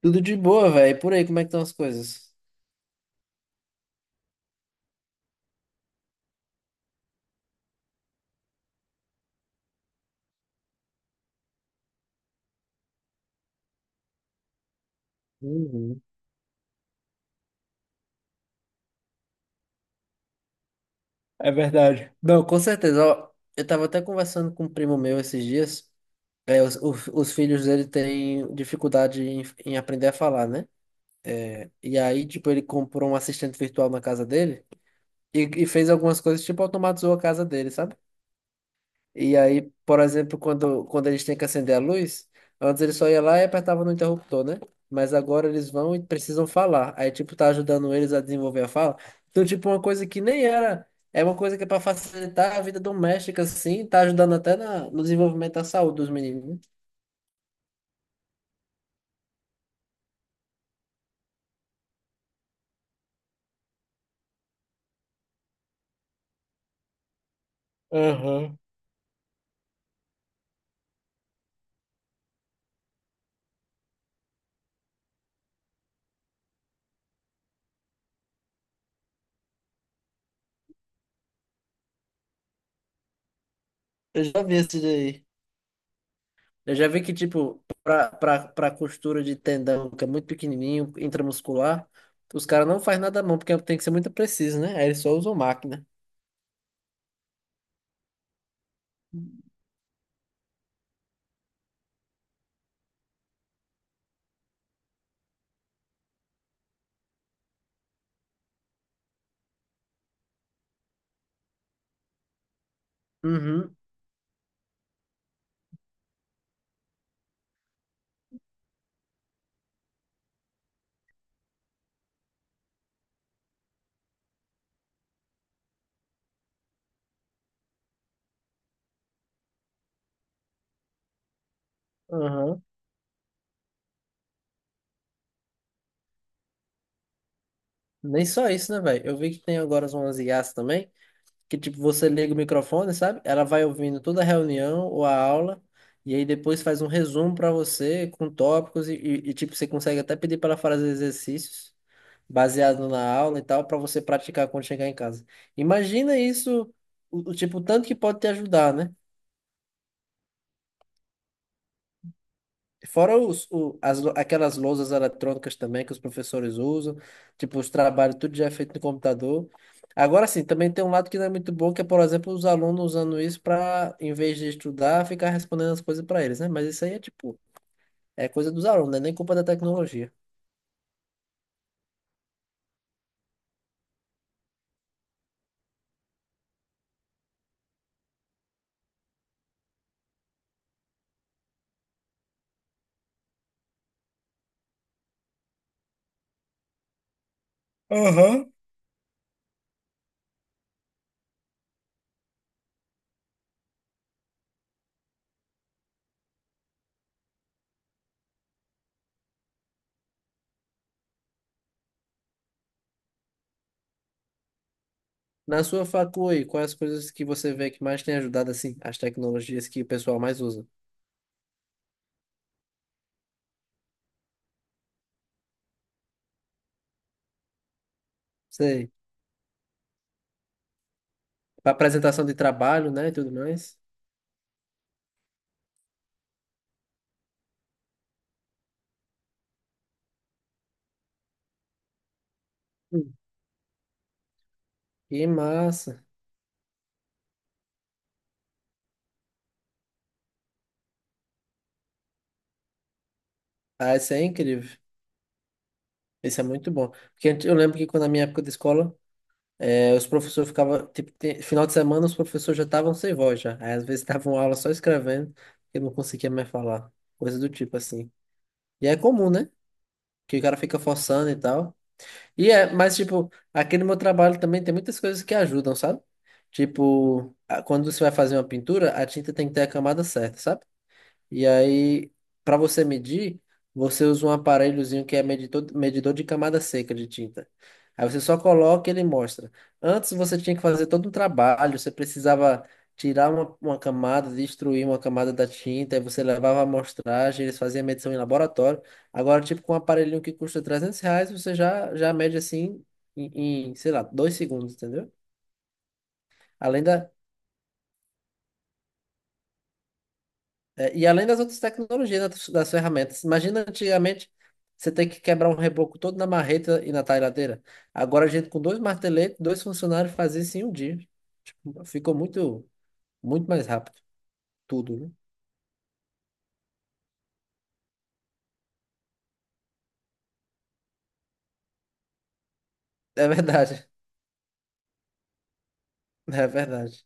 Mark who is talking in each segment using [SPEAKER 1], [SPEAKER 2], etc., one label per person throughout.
[SPEAKER 1] Tudo de boa, velho. Por aí, como é que estão as coisas? Uhum. É verdade. Não, com certeza. Ó, eu tava até conversando com um primo meu esses dias. É, os filhos dele têm dificuldade em aprender a falar, né? E aí, tipo, ele comprou um assistente virtual na casa dele e fez algumas coisas, tipo, automatizou a casa dele, sabe? E aí, por exemplo, quando eles têm que acender a luz, antes eles só ia lá e apertava no interruptor, né? Mas agora eles vão e precisam falar. Aí, tipo, tá ajudando eles a desenvolver a fala. Então, tipo, uma coisa que nem era. É uma coisa que é pra facilitar a vida doméstica, assim, tá ajudando até na, no desenvolvimento da saúde dos meninos, né? Aham. Eu já vi esse daí. Eu já vi que, tipo, pra costura de tendão, que é muito pequenininho, intramuscular, os caras não fazem nada à mão, porque tem que ser muito preciso, né? Aí eles só usam máquina. Uhum. Aham. Nem só isso, né, velho? Eu vi que tem agora umas IAs também, que tipo, você liga o microfone, sabe? Ela vai ouvindo toda a reunião ou a aula, e aí depois faz um resumo pra você com tópicos, e, tipo, você consegue até pedir para ela fazer exercícios baseado na aula e tal, pra você praticar quando chegar em casa. Imagina isso, o tanto que pode te ajudar, né? Fora os, o, as, lou- aquelas lousas eletrônicas também que os professores usam, tipo, os trabalhos, tudo já é feito no computador. Agora sim, também tem um lado que não é muito bom, que é, por exemplo, os alunos usando isso para, em vez de estudar, ficar respondendo as coisas para eles, né? Mas isso aí é tipo, é coisa dos alunos, né? Nem culpa da tecnologia. Aham. Na sua aí, quais as coisas que você vê que mais tem ajudado, assim, as tecnologias que o pessoal mais usa? Sei, para apresentação de trabalho, né, e tudo mais. Hum. Que massa. Ah, isso é incrível. Isso é muito bom. Porque eu lembro que quando na minha época de escola, os professores ficavam, tipo, final de semana os professores já estavam sem voz já. Aí às vezes estavam aula só escrevendo, porque não conseguia mais falar. Coisa do tipo assim. E é comum, né? Que o cara fica forçando e tal. E é, mas tipo, aqui no meu trabalho também tem muitas coisas que ajudam, sabe? Tipo, quando você vai fazer uma pintura, a tinta tem que ter a camada certa, sabe? E aí, para você medir, você usa um aparelhozinho que é medidor, medidor de camada seca de tinta. Aí você só coloca e ele mostra. Antes você tinha que fazer todo um trabalho, você precisava tirar uma camada, destruir uma camada da tinta, aí você levava a amostragem, eles faziam a medição em laboratório. Agora, tipo, com um aparelhinho que custa R$ 300, você já, já mede assim em, em, sei lá, 2 segundos, entendeu? Além da, É, e além das outras tecnologias, das ferramentas. Imagina antigamente você ter que quebrar um reboco todo na marreta e na talhadeira. Agora a gente com dois marteletes, dois funcionários fazia isso em um dia. Ficou muito, muito mais rápido. Tudo, né? É verdade. É verdade.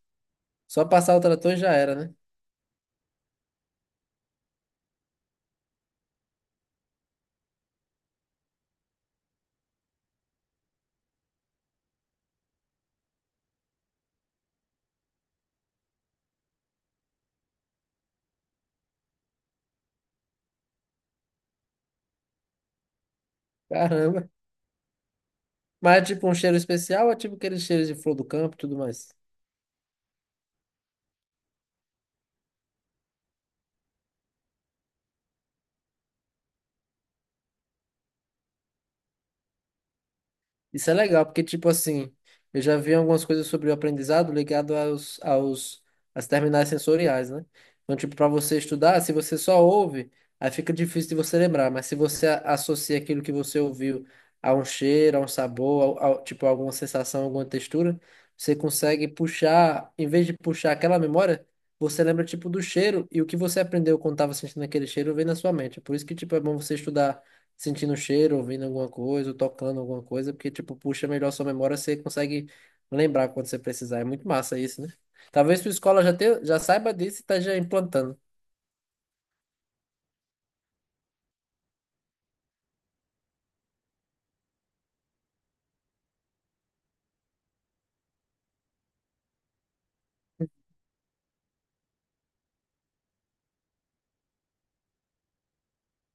[SPEAKER 1] Só passar o trator e já era, né? Caramba. Mas é tipo um cheiro especial, ou é tipo aqueles cheiros de flor do campo e tudo mais. Isso é legal, porque, tipo assim, eu já vi algumas coisas sobre o aprendizado ligado às terminais sensoriais, né? Então, tipo, para você estudar, se você só ouve, aí fica difícil de você lembrar, mas se você associa aquilo que você ouviu a um cheiro, a um sabor, a, tipo, alguma sensação, alguma textura, você consegue puxar, em vez de puxar aquela memória, você lembra, tipo, do cheiro e o que você aprendeu quando estava sentindo aquele cheiro vem na sua mente. É por isso que, tipo, é bom você estudar sentindo o cheiro, ouvindo alguma coisa, ou tocando alguma coisa, porque, tipo, puxa melhor sua memória, você consegue lembrar quando você precisar. É muito massa isso, né? Talvez sua escola já saiba disso e está já implantando.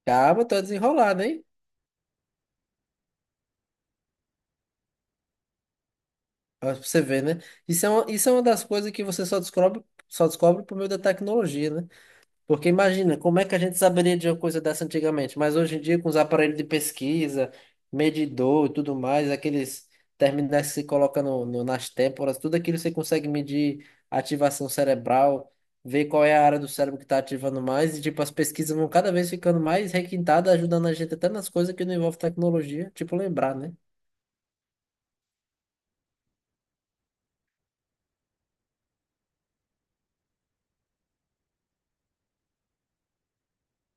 [SPEAKER 1] Calma, tá desenrolado, hein? Ó, pra você ver, né? Isso é uma das coisas que você só descobre por meio da tecnologia, né? Porque imagina, como é que a gente saberia de uma coisa dessa antigamente? Mas hoje em dia, com os aparelhos de pesquisa, medidor e tudo mais, aqueles terminais que se coloca nas têmporas, tudo aquilo você consegue medir a ativação cerebral, ver qual é a área do cérebro que está ativando mais, e tipo, as pesquisas vão cada vez ficando mais requintadas, ajudando a gente até nas coisas que não envolvem tecnologia, tipo lembrar, né?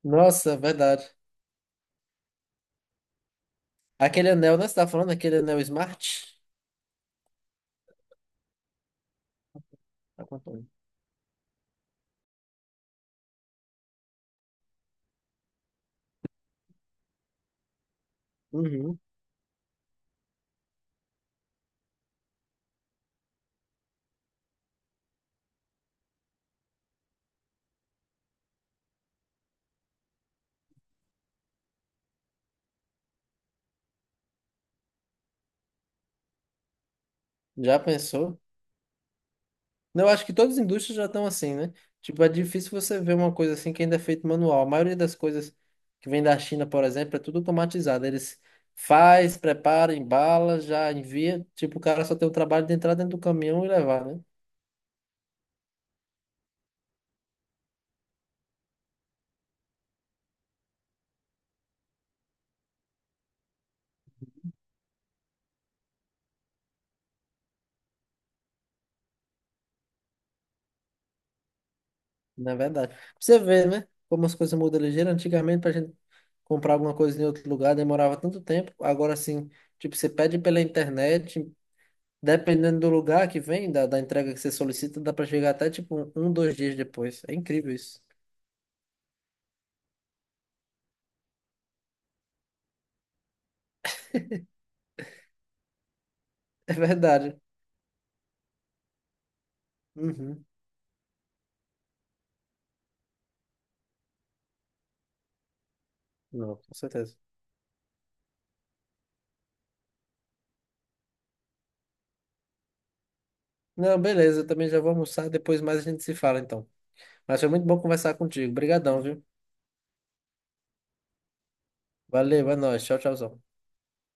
[SPEAKER 1] Nossa, verdade. Aquele anel, né? Você tá falando aquele anel Smart? Tá contando. Uhum. Já pensou? Eu acho que todas as indústrias já estão assim, né? Tipo, é difícil você ver uma coisa assim que ainda é feito manual. A maioria das coisas que vem da China, por exemplo, é tudo automatizado. Eles faz, prepara, embala, já envia. Tipo, o cara só tem o trabalho de entrar dentro do caminhão e levar, né? Na verdade. Pra você vê, né? Como as coisas mudam ligeiro. Antigamente, pra gente comprar alguma coisa em outro lugar, demorava tanto tempo. Agora, assim, tipo, você pede pela internet, dependendo do lugar que vem, da entrega que você solicita, dá pra chegar até, tipo, um, 2 dias depois. É incrível isso. É verdade. Uhum. Não, com certeza. Não, beleza, eu também já vou almoçar, depois mais a gente se fala então. Mas foi muito bom conversar contigo. Obrigadão, viu? Valeu, é nóis. Tchau, tchauzão.